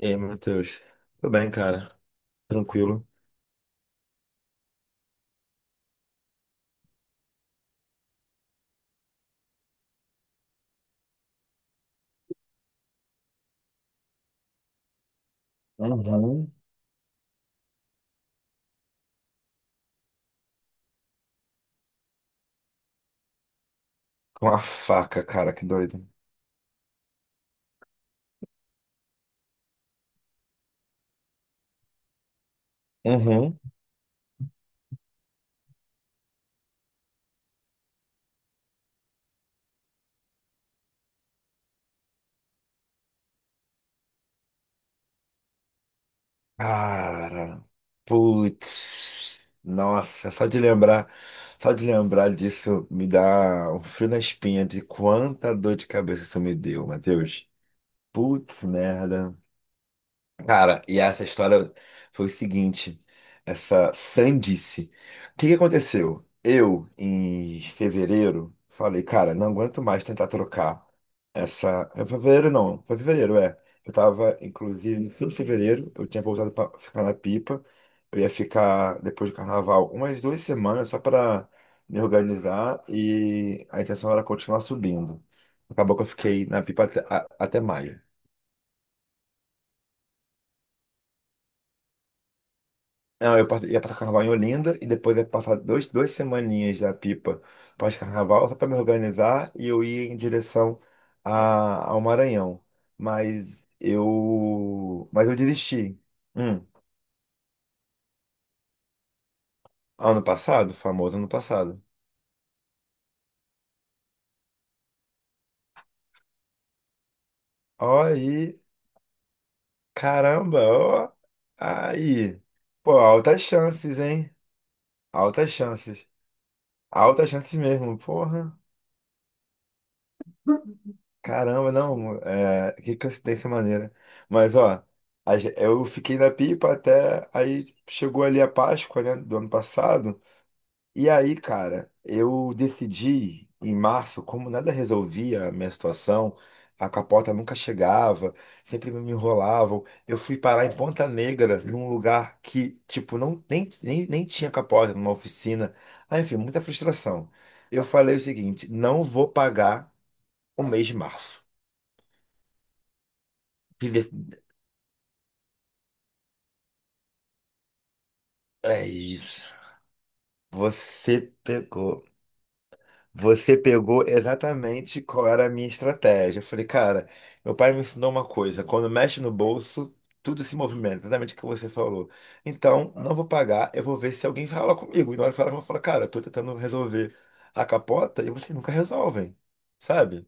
E aí, Matheus? Tudo bem, cara? Tranquilo. Uhum. Com a faca, cara, que doido. Uhum. Cara, putz. Nossa, só de lembrar disso me dá um frio na espinha de quanta dor de cabeça isso me deu, Matheus. Putz, merda. Cara, e essa história foi o seguinte, essa sandice. O que que aconteceu? Eu, em fevereiro, falei, cara, não aguento mais tentar trocar essa. Em fevereiro não, foi fevereiro, é. Eu tava, inclusive, no fim de fevereiro, eu tinha voltado pra ficar na pipa. Eu ia ficar depois do carnaval umas 2 semanas só pra me organizar, e a intenção era continuar subindo. Acabou que eu fiquei na pipa até, até maio. Não, ia passar carnaval em Olinda e depois ia passar 2 semaninhas da Pipa pós-carnaval só para me organizar, e eu ia em direção ao Maranhão. Mas eu desisti. Hum, ano passado, famoso ano passado. Ó aí, caramba, ó aí. Pô, altas chances, hein? Altas chances. Altas chances mesmo, porra. Caramba, não, é, que coincidência maneira. Mas, ó, eu fiquei na pipa até aí chegou ali a Páscoa, né, do ano passado. E aí, cara, eu decidi em março, como nada resolvia a minha situação, a capota nunca chegava, sempre me enrolavam. Eu fui parar em Ponta Negra, num lugar que, tipo, não, nem tinha capota, numa oficina. Ah, enfim, muita frustração. Eu falei o seguinte: não vou pagar o mês de março. Pide- É isso. Você pegou. Você pegou exatamente qual era a minha estratégia. Eu falei, cara, meu pai me ensinou uma coisa: quando mexe no bolso, tudo se movimenta, exatamente o que você falou. Então, não vou pagar, eu vou ver se alguém fala comigo. E na hora que falar, eu vou falar, cara, eu tô tentando resolver a capota e vocês nunca resolvem, sabe?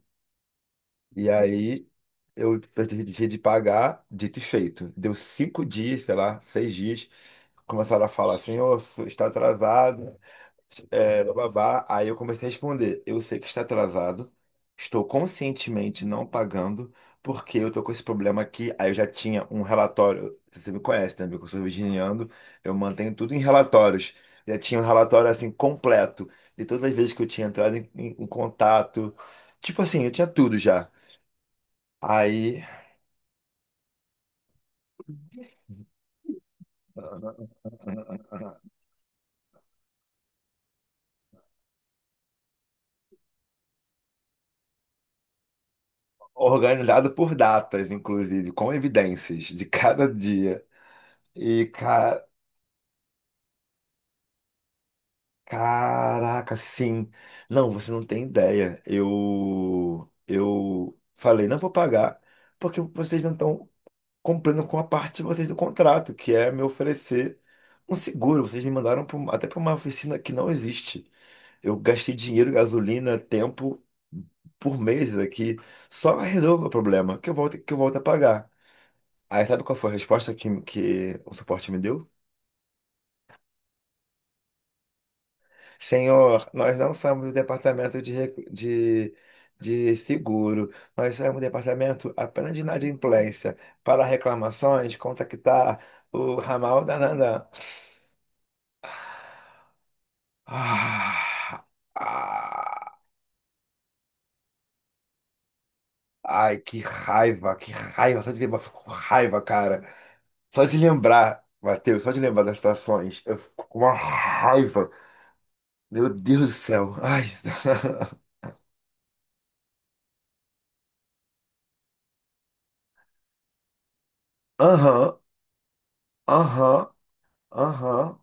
E aí, eu deixei de pagar, dito e feito. Deu 5 dias, sei lá, 6 dias, começaram a falar assim, ô, está atrasado. É, babá. Aí eu comecei a responder. Eu sei que está atrasado. Estou conscientemente não pagando, porque eu tô com esse problema aqui. Aí eu já tinha um relatório. Você me conhece, né, amigo? Eu sou virginiano, eu mantenho tudo em relatórios. Já tinha um relatório assim completo de todas as vezes que eu tinha entrado em contato. Tipo assim, eu tinha tudo já. Aí, organizado por datas, inclusive, com evidências de cada dia. E, cara, caraca, sim. Não, você não tem ideia. Eu falei, não vou pagar, porque vocês não estão cumprindo com a parte de vocês do contrato, que é me oferecer um seguro. Vocês me mandaram pra até para uma oficina que não existe. Eu gastei dinheiro, gasolina, tempo por meses aqui, só resolva o problema, que eu volto a pagar. Aí sabe qual foi a resposta que o suporte me deu? Senhor, nós não somos o departamento de seguro, nós somos o departamento apenas de inadimplência. Para reclamações, contactar o ramal da Nanã. Ah, ah, ai, que raiva, só de lembrar, eu fico com raiva, cara. Só de lembrar, Matheus, só de lembrar das situações, eu fico com uma raiva. Meu Deus do céu. Ai. Aham, aham, aham,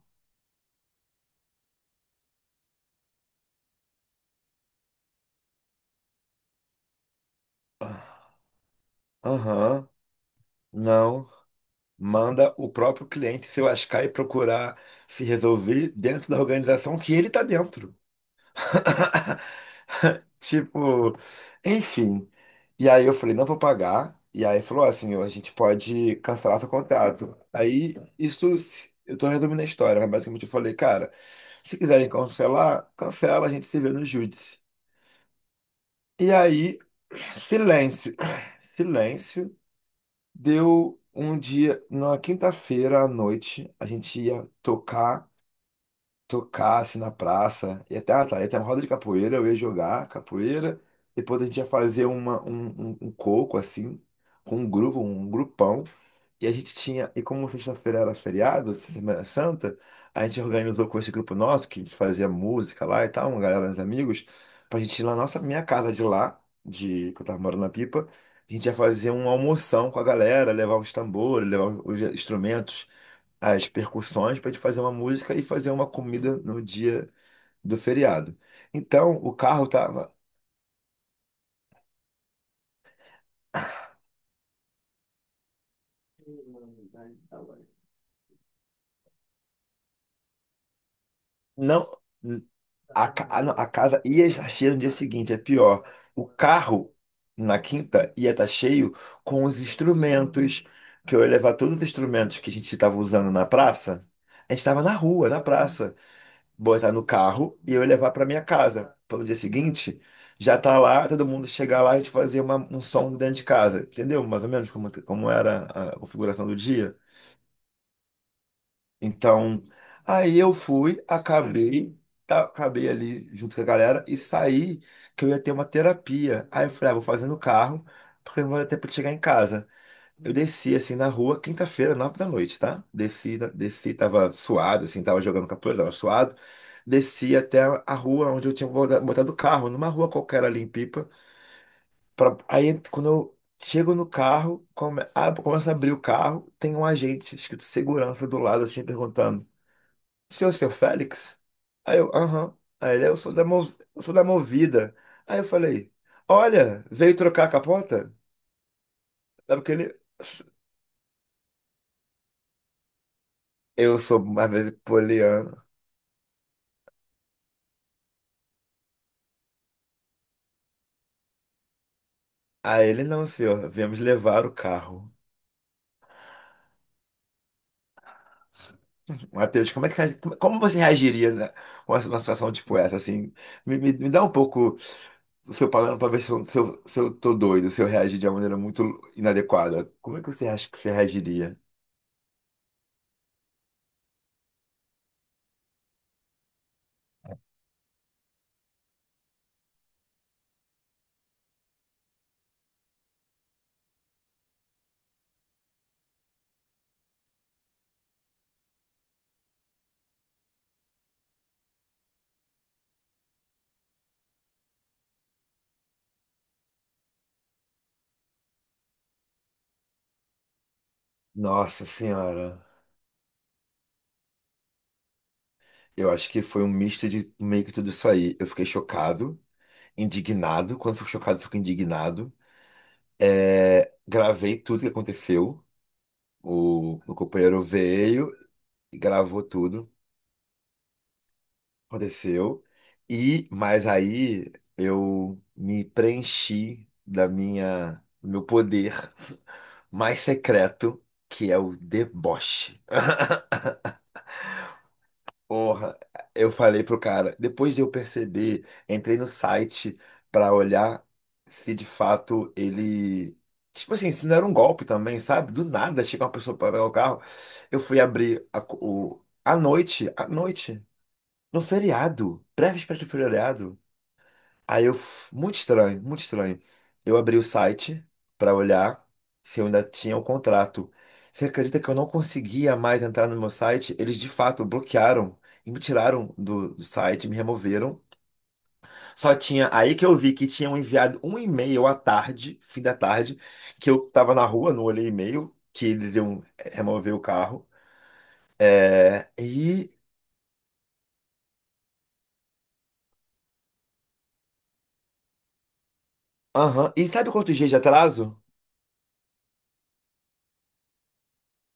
aham, aham. Não, manda o próprio cliente se lascar e procurar se resolver dentro da organização que ele tá dentro. Tipo, enfim. E aí eu falei, não vou pagar. E aí falou assim, a gente pode cancelar seu contrato. Aí isso, eu tô resumindo a história, mas basicamente eu falei, cara, se quiserem cancelar, cancela, a gente se vê no júdice. E aí, silêncio, silêncio. Deu um dia, numa quinta-feira à noite, a gente ia tocar, tocar assim na praça, e até, ah, tá, ia ter uma roda de capoeira, eu ia jogar capoeira, depois a gente ia fazer um coco assim, com um grupo, um grupão. E a gente tinha, e como sexta-feira era feriado, Semana Santa, a gente organizou com esse grupo nosso, que a gente fazia música lá e tal, uma galera dos amigos, pra gente ir lá na minha casa de lá, de, que eu tava morando na Pipa, a gente ia fazer uma almoção com a galera, levar os tambores, levar os instrumentos, as percussões, pra gente fazer uma música e fazer uma comida no dia do feriado. Então, o carro tava. Não. Não, a casa ia estar cheia no dia seguinte, é pior. O carro, na quinta, ia estar cheio com os instrumentos, que eu ia levar todos os instrumentos que a gente estava usando na praça. A gente estava na rua, na praça. Botar no carro e eu ia levar para minha casa. Pelo dia seguinte, já tá lá, todo mundo chegar lá e a gente fazer um som dentro de casa. Entendeu? Mais ou menos como era a configuração do dia. Então, aí eu fui, acabei, tá, acabei ali junto com a galera e saí que eu ia ter uma terapia. Aí eu falei, ah, vou fazer no carro, porque não vai ter tempo de chegar em casa. Eu desci assim na rua, quinta-feira, 9 da noite, tá? Desci, desci, tava suado, assim, tava jogando capoeira, tava suado. Desci até a rua onde eu tinha botado o carro, numa rua qualquer ali em Pipa. Pra... Aí quando eu chego no carro, começo a abrir o carro, tem um agente escrito segurança do lado, assim, perguntando. O senhor, seu Félix? Aí eu, aham. Aí ele, "É, eu sou da, eu sou da Movida." Aí eu falei, olha, veio trocar a capota? É porque ele, eu sou mais vezes poliano. Aí ele, não, senhor, viemos levar o carro. Matheus, como é que, como você reagiria, né, com uma situação tipo essa, assim? Me dá um pouco o seu palavra para ver se eu, se eu tô doido, se eu reagir de uma maneira muito inadequada. Como é que você acha que você reagiria? Nossa senhora. Eu acho que foi um misto de meio que tudo isso aí. Eu fiquei chocado, indignado. Quando fico chocado, fico indignado. É, gravei tudo que aconteceu. O companheiro veio, gravou tudo, aconteceu. E, mas aí eu me preenchi da do meu poder mais secreto, que é o deboche. Porra, eu falei pro cara, depois de eu perceber, entrei no site pra olhar se de fato ele. Tipo assim, se não era um golpe também, sabe? Do nada chega uma pessoa pra pegar o carro. Eu fui abrir à noite, no feriado, pré-véspera de feriado. Aí eu, muito estranho, muito estranho. Eu abri o site pra olhar se eu ainda tinha o contrato. Você acredita que eu não conseguia mais entrar no meu site? Eles de fato bloquearam e me tiraram do site, me removeram. Só tinha aí que eu vi que tinham enviado um e-mail à tarde, fim da tarde, que eu tava na rua, não olhei e-mail, que eles iam remover o carro. É, e, aham. E sabe quantos dias de atraso?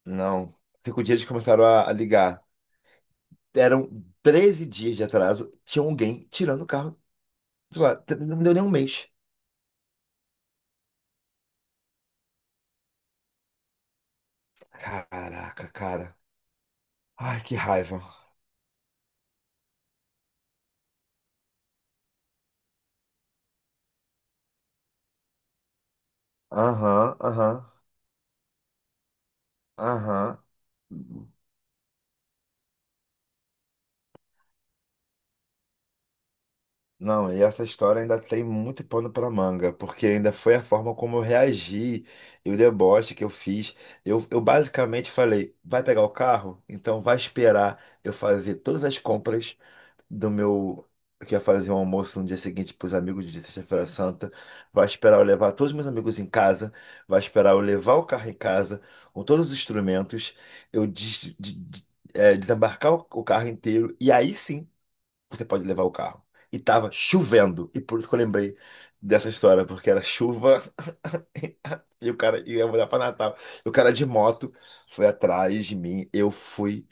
Não. 5 dias eles começaram a ligar. Eram 13 dias de atraso, tinha alguém tirando o carro de lá. Não deu nem um mês. Caraca, cara. Ai, que raiva. Aham, aham, aham. Não, e essa história ainda tem muito pano para manga, porque ainda foi a forma como eu reagi e o deboche que eu fiz. Eu basicamente falei: vai pegar o carro? Então vai esperar eu fazer todas as compras do meu. Eu ia fazer um almoço no dia seguinte para os amigos de Sexta-feira Santa. Vai esperar eu levar todos os meus amigos em casa. Vai esperar eu levar o carro em casa com todos os instrumentos. Eu desembarcar o carro inteiro. E aí sim você pode levar o carro. E tava chovendo. E por isso que eu lembrei dessa história, porque era chuva e o cara ia mudar pra Natal. E o cara de moto foi atrás de mim. Eu fui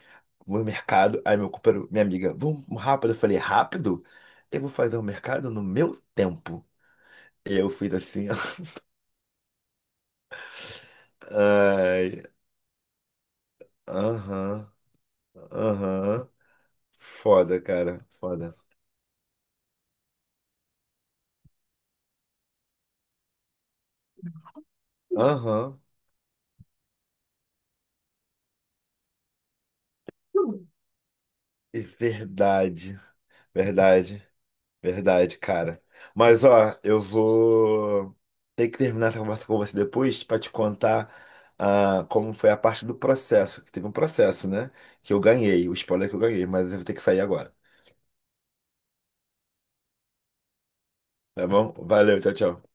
no mercado. Aí meu companheiro, minha amiga, vamos rápido. Eu falei, rápido? Eu vou fazer o mercado no meu tempo. Eu fiz assim, ó. Ai, aham, aham. Foda, cara, foda. Aham, é verdade, verdade. Verdade, cara. Mas ó, eu vou ter que terminar essa conversa com você depois para te contar ah, como foi a parte do processo, que teve um processo, né? Que eu ganhei, o spoiler que eu ganhei, mas eu vou ter que sair agora. Tá bom? Valeu, tchau, tchau.